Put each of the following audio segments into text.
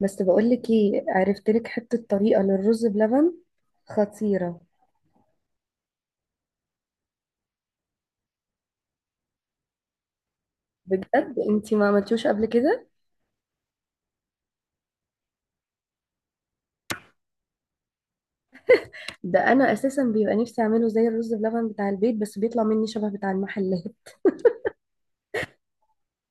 بس بقولك ايه، عرفت لك حتة طريقة للرز بلبن خطيرة. بجد انتي ما عملتوش قبل كده؟ ده انا اساسا بيبقى نفسي اعمله زي الرز بلبن بتاع البيت، بس بيطلع مني شبه بتاع المحلات.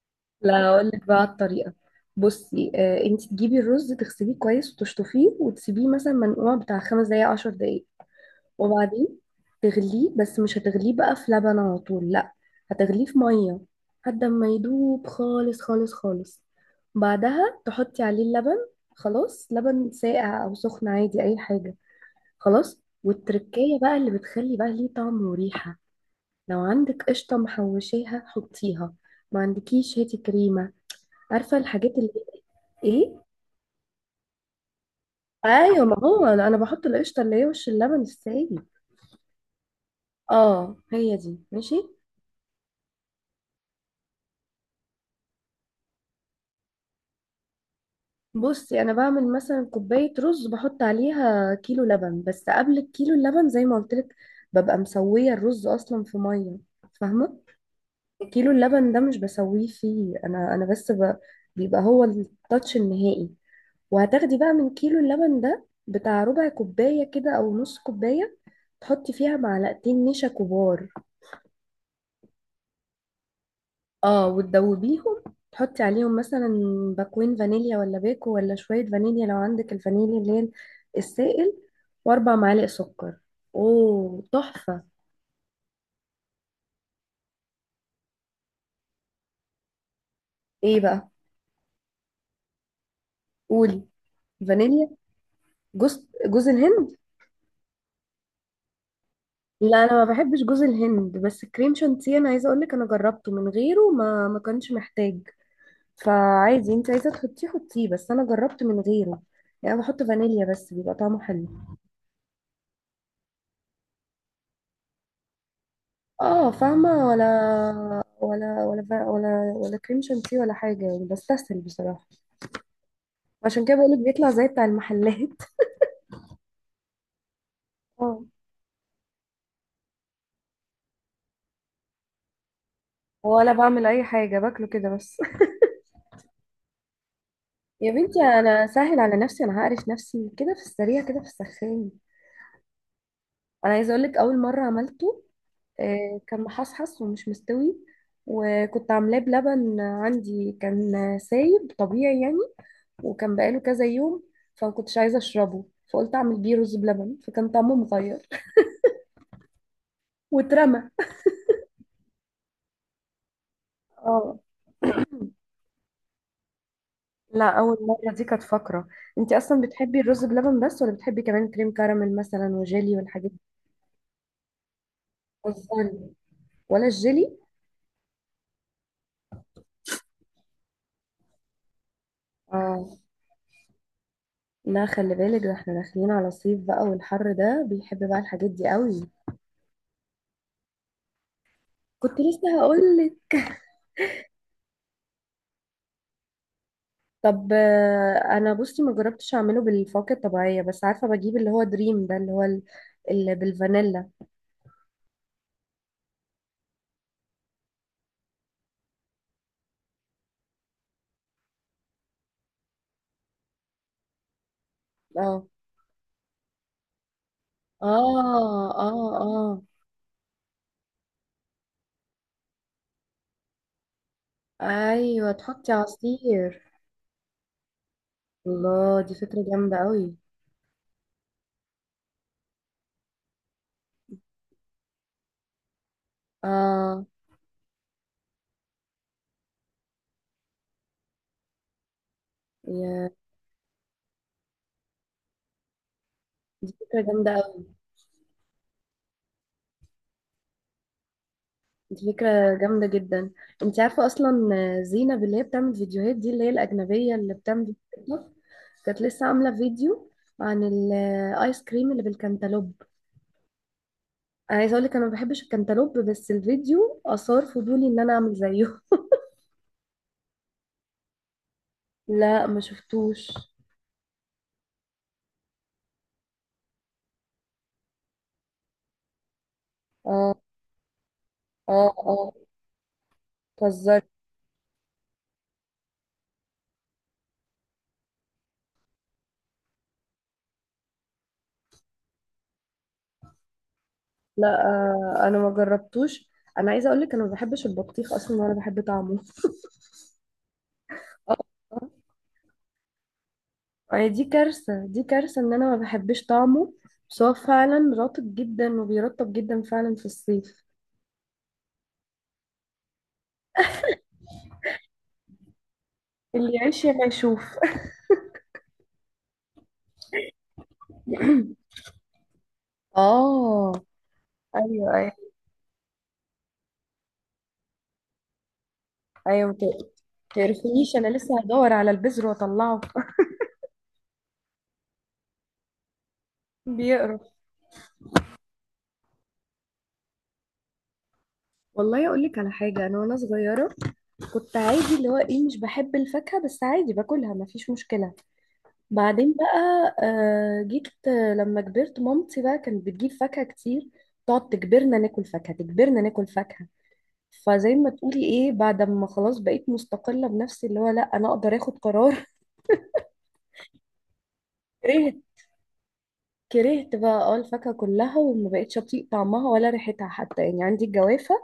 لا اقول لك بقى الطريقة. بصي آه، انتي تجيبي الرز تغسليه كويس وتشطفيه وتسيبيه مثلا منقوع بتاع خمس دقايق عشر دقايق. وبعدين تغليه، بس مش هتغليه بقى في لبن على طول، لا، هتغليه في ميه لحد ما يدوب خالص خالص خالص. بعدها تحطي عليه اللبن. خلاص لبن ساقع او سخن، عادي اي حاجه. خلاص، والتركية بقى اللي بتخلي بقى ليه طعم وريحه. لو عندك قشطه محوشاها حطيها، ما عندكيش هاتي كريمه. عارفه الحاجات اللي. ايه؟ ايوه، ما هو انا بحط القشطه اللي هي وش اللبن السايب. اه، هي دي ماشي. بصي انا بعمل مثلا كوبايه رز، بحط عليها كيلو لبن. بس قبل الكيلو اللبن، زي ما قلت لك، ببقى مسويه الرز اصلا في ميه. فاهمه؟ كيلو اللبن ده مش بسويه فيه، انا بس ب... بيبقى هو التاتش النهائي. وهتاخدي بقى من كيلو اللبن ده بتاع ربع كوبايه كده او نص كوبايه، تحطي فيها معلقتين نشا كبار. اه، وتدوبيهم. تحطي عليهم مثلا باكوين فانيليا ولا باكو، ولا شوية فانيليا لو عندك الفانيليا اللي هي السائل، واربع معالق سكر. اوه تحفة. ايه بقى؟ قولي. فانيليا. جوز، جوز الهند. لا انا ما بحبش جوز الهند، بس كريم شانتيه انا عايزه اقول لك انا جربته من غيره، ما كانش محتاج. فعادي، انت عايزه تحطيه حطيه، بس انا جربت من غيره. يعني أنا بحط فانيليا بس بيبقى طعمه حلو. اه فاهمة، ولا كريم شانتيه ولا حاجة، يعني بستسهل بصراحة. عشان كده بقولك بيطلع زي بتاع المحلات. اه. ولا بعمل أي حاجة، باكله كده بس. يا بنتي أنا سهل على نفسي، أنا هقرف نفسي كده في السريع كده في السخان. أنا عايزة أقولك، أول مرة عملته آه، كان محصحص ومش مستوي. وكنت عاملاه بلبن، عندي كان سايب طبيعي يعني، وكان بقاله كذا يوم، فما كنتش عايزة أشربه. فقلت أعمل بيه رز بلبن، فكان طعمه مغير واترمى. اه. لا، اول مره دي كانت فقره. انت اصلا بتحبي الرز بلبن بس، ولا بتحبي كمان كريم كراميل مثلا وجيلي والحاجات دي؟ بتهزري. ولا الجيلي؟ اه. لا، خلي بالك، ده احنا داخلين على صيف بقى، والحر ده بيحب بقى الحاجات دي قوي. كنت لسه هقول لك. طب آه، انا بصي ما جربتش اعمله بالفواكه الطبيعيه، بس عارفه بجيب اللي هو دريم ده، اللي هو ال- اللي بالفانيلا. اه اه اه. اه، ايوه تحطي عصير. الله، دي فكرة جامدة قوي. اه. يا. دي فكرة جامدة قوي. دي فكرة جامدة جدا. انت عارفة اصلا زينب اللي هي بتعمل فيديوهات دي، اللي هي الأجنبية اللي بتعمل TikTok، كانت لسه عاملة فيديو عن الايس كريم اللي بالكنتالوب. انا عايزة اقولك انا ما بحبش الكنتالوب، بس الفيديو اثار فضولي ان انا اعمل زيه. لا، ما شفتوش. اه اه اه. بتهزري. لا آه، انا ما جربتوش. انا عايزه اقول لك انا ما بحبش البطيخ اصلا ولا بحب طعمه. اه. آه، دي كارثة، دي كارثة ان انا ما بحبش طعمه. بس هو فعلا رطب جدا وبيرطب جدا فعلا في الصيف. اللي يعيش ما يشوف. اه. ايوه. ايوه مت-. متقرفنيش، انا لسه هدور على البذر واطلعه. بيقرف. والله اقول لك على حاجه، انا وانا صغيره كنت عادي، اللي هو ايه، مش بحب الفاكهه، بس عادي باكلها ما فيش مشكله. بعدين بقى آه، جيت آه، لما كبرت مامتي بقى كانت بتجيب فاكهة كتير، تقعد تجبرنا ناكل فاكهة تجبرنا ناكل فاكهة. فزي ما تقولي ايه، بعد ما خلاص بقيت مستقلة بنفسي اللي هو لا انا اقدر اخد قرار. كرهت. كرهت بقى اه الفاكهة كلها، وما بقتش اطيق طعمها ولا ريحتها، حتى يعني عندي الجوافة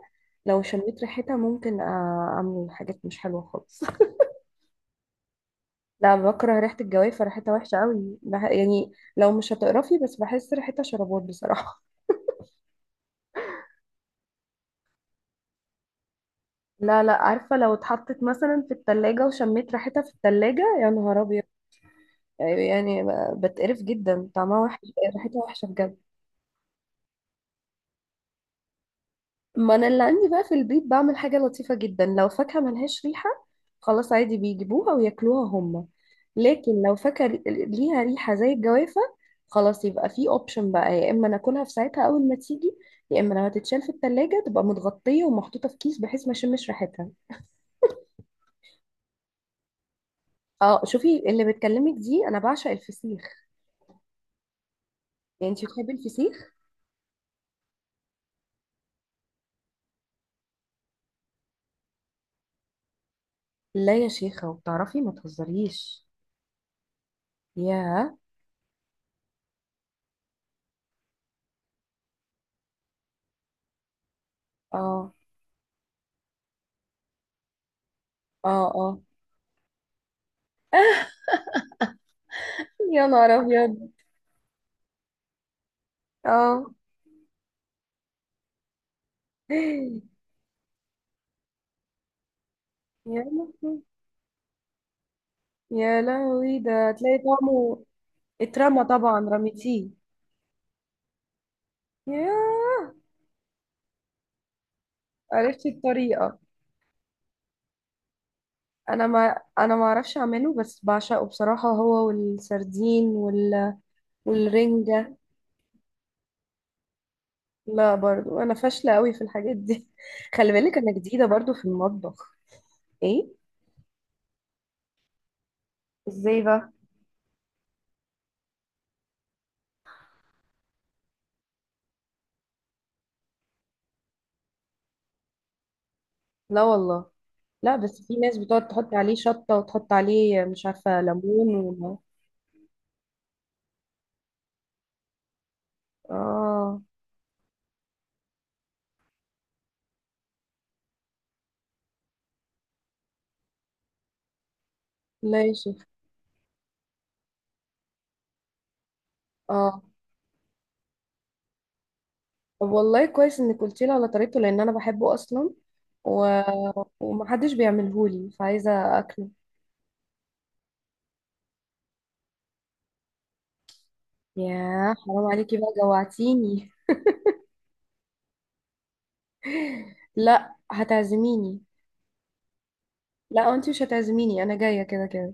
لو شميت ريحتها ممكن آه، اعمل حاجات مش حلوة خالص. لا، بكره ريحة الجوافة، ريحتها وحشة قوي بح- يعني لو مش هتقرفي بس، بحس ريحتها شربات بصراحة. لا لا، عارفة لو اتحطت مثلا في التلاجة، وشميت ريحتها في التلاجة، يا نهار أبيض. يعني ب- بتقرف جدا، طعمها وحش. ريحتها وحشة بجد. ما أنا اللي عندي بقى في البيت بعمل حاجة لطيفة جدا. لو فاكهة ملهاش ريحة، خلاص عادي بيجيبوها وياكلوها هما. لكن لو فاكهة ري- ليها ريحة زي الجوافة، خلاص يبقى في اوبشن بقى: يا اما ناكلها في ساعتها اول ما تيجي، يا اما لو هتتشال في التلاجة تبقى متغطية ومحطوطة في كيس بحيث ما اشمش ريحتها. اه. شوفي اللي بتكلمك دي انا بعشق الفسيخ. يعني انت بتحبي الفسيخ؟ لا يا شيخة، وبتعرفي؟ ما تهزريش. يا. اه اه اه. يا نهار ابيض. اه. يا لهوي، يا لهوي، ده هتلاقي طعمه. اترمى؟ طبعا رميتيه. ياه. عرفتي الطريقة. انا ما، انا ما اعرفش اعمله، بس بعشقه بصراحة، هو والسردين وال... والرنجة. لا، برضو انا فاشلة قوي في الحاجات دي. خلي بالك انا جديدة برضو في المطبخ. ايه؟ ازاي بقى؟ لا والله. لا بس في ناس بتقعد تحط عليه شطة وتحط عليه مش عارفة ليمون. و... اه. لا يا شيخ. اه. طب والله كويس انك قلتي لي على طريقته، لان انا بحبه اصلا. و... ومحدش بيعملهولي، فعايزة اكله. يا حرام عليكي بقى، جوعتيني. لا، هتعزميني. لا، انت مش هتعزميني، انا جاية كده كده.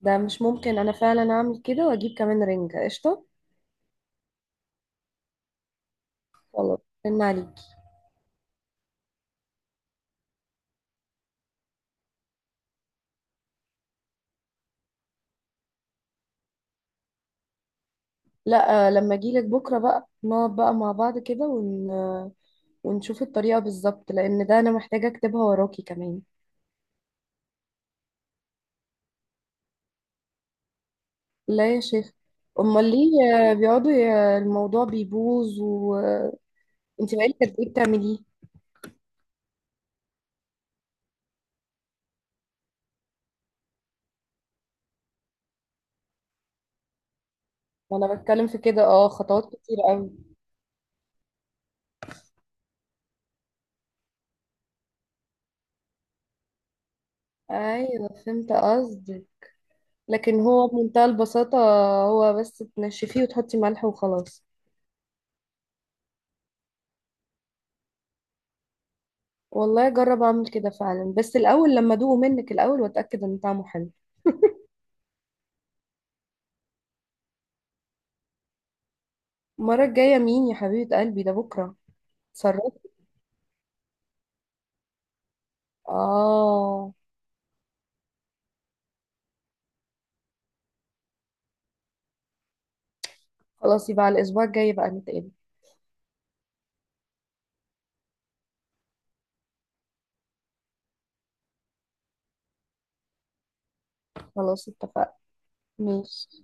ده مش ممكن، انا فعلا اعمل كده واجيب كمان رنجة قشطة. خلاص. رن عليكي. لا آه، لما اجيلك بكرة بقى نقعد بقى مع بعض كده ون... ونشوف الطريقة بالظبط، لأن ده أنا محتاجة أكتبها وراكي كمان. لا يا شيخ. أمال ليه؟ آه، بيقعدوا ي- الموضوع بيبوظ، وأنت بقالك قد إيه بتعمليه؟ ما أنا بتكلم في كده، أه خطوات كتير أوي. أيوه فهمت قصدك. لكن هو بمنتهى البساطة، هو بس تنشفيه وتحطي ملح وخلاص. والله أجرب أعمل كده فعلا، بس الأول لما أدوقه منك الأول وأتأكد إن طعمه حلو. المرة الجاية مين يا حبيبة قلبي؟ ده بكرة. تصرفي. آه. خلاص يبقى على الأسبوع الجاي بقى نتقابل. خلاص اتفقنا. ماشي.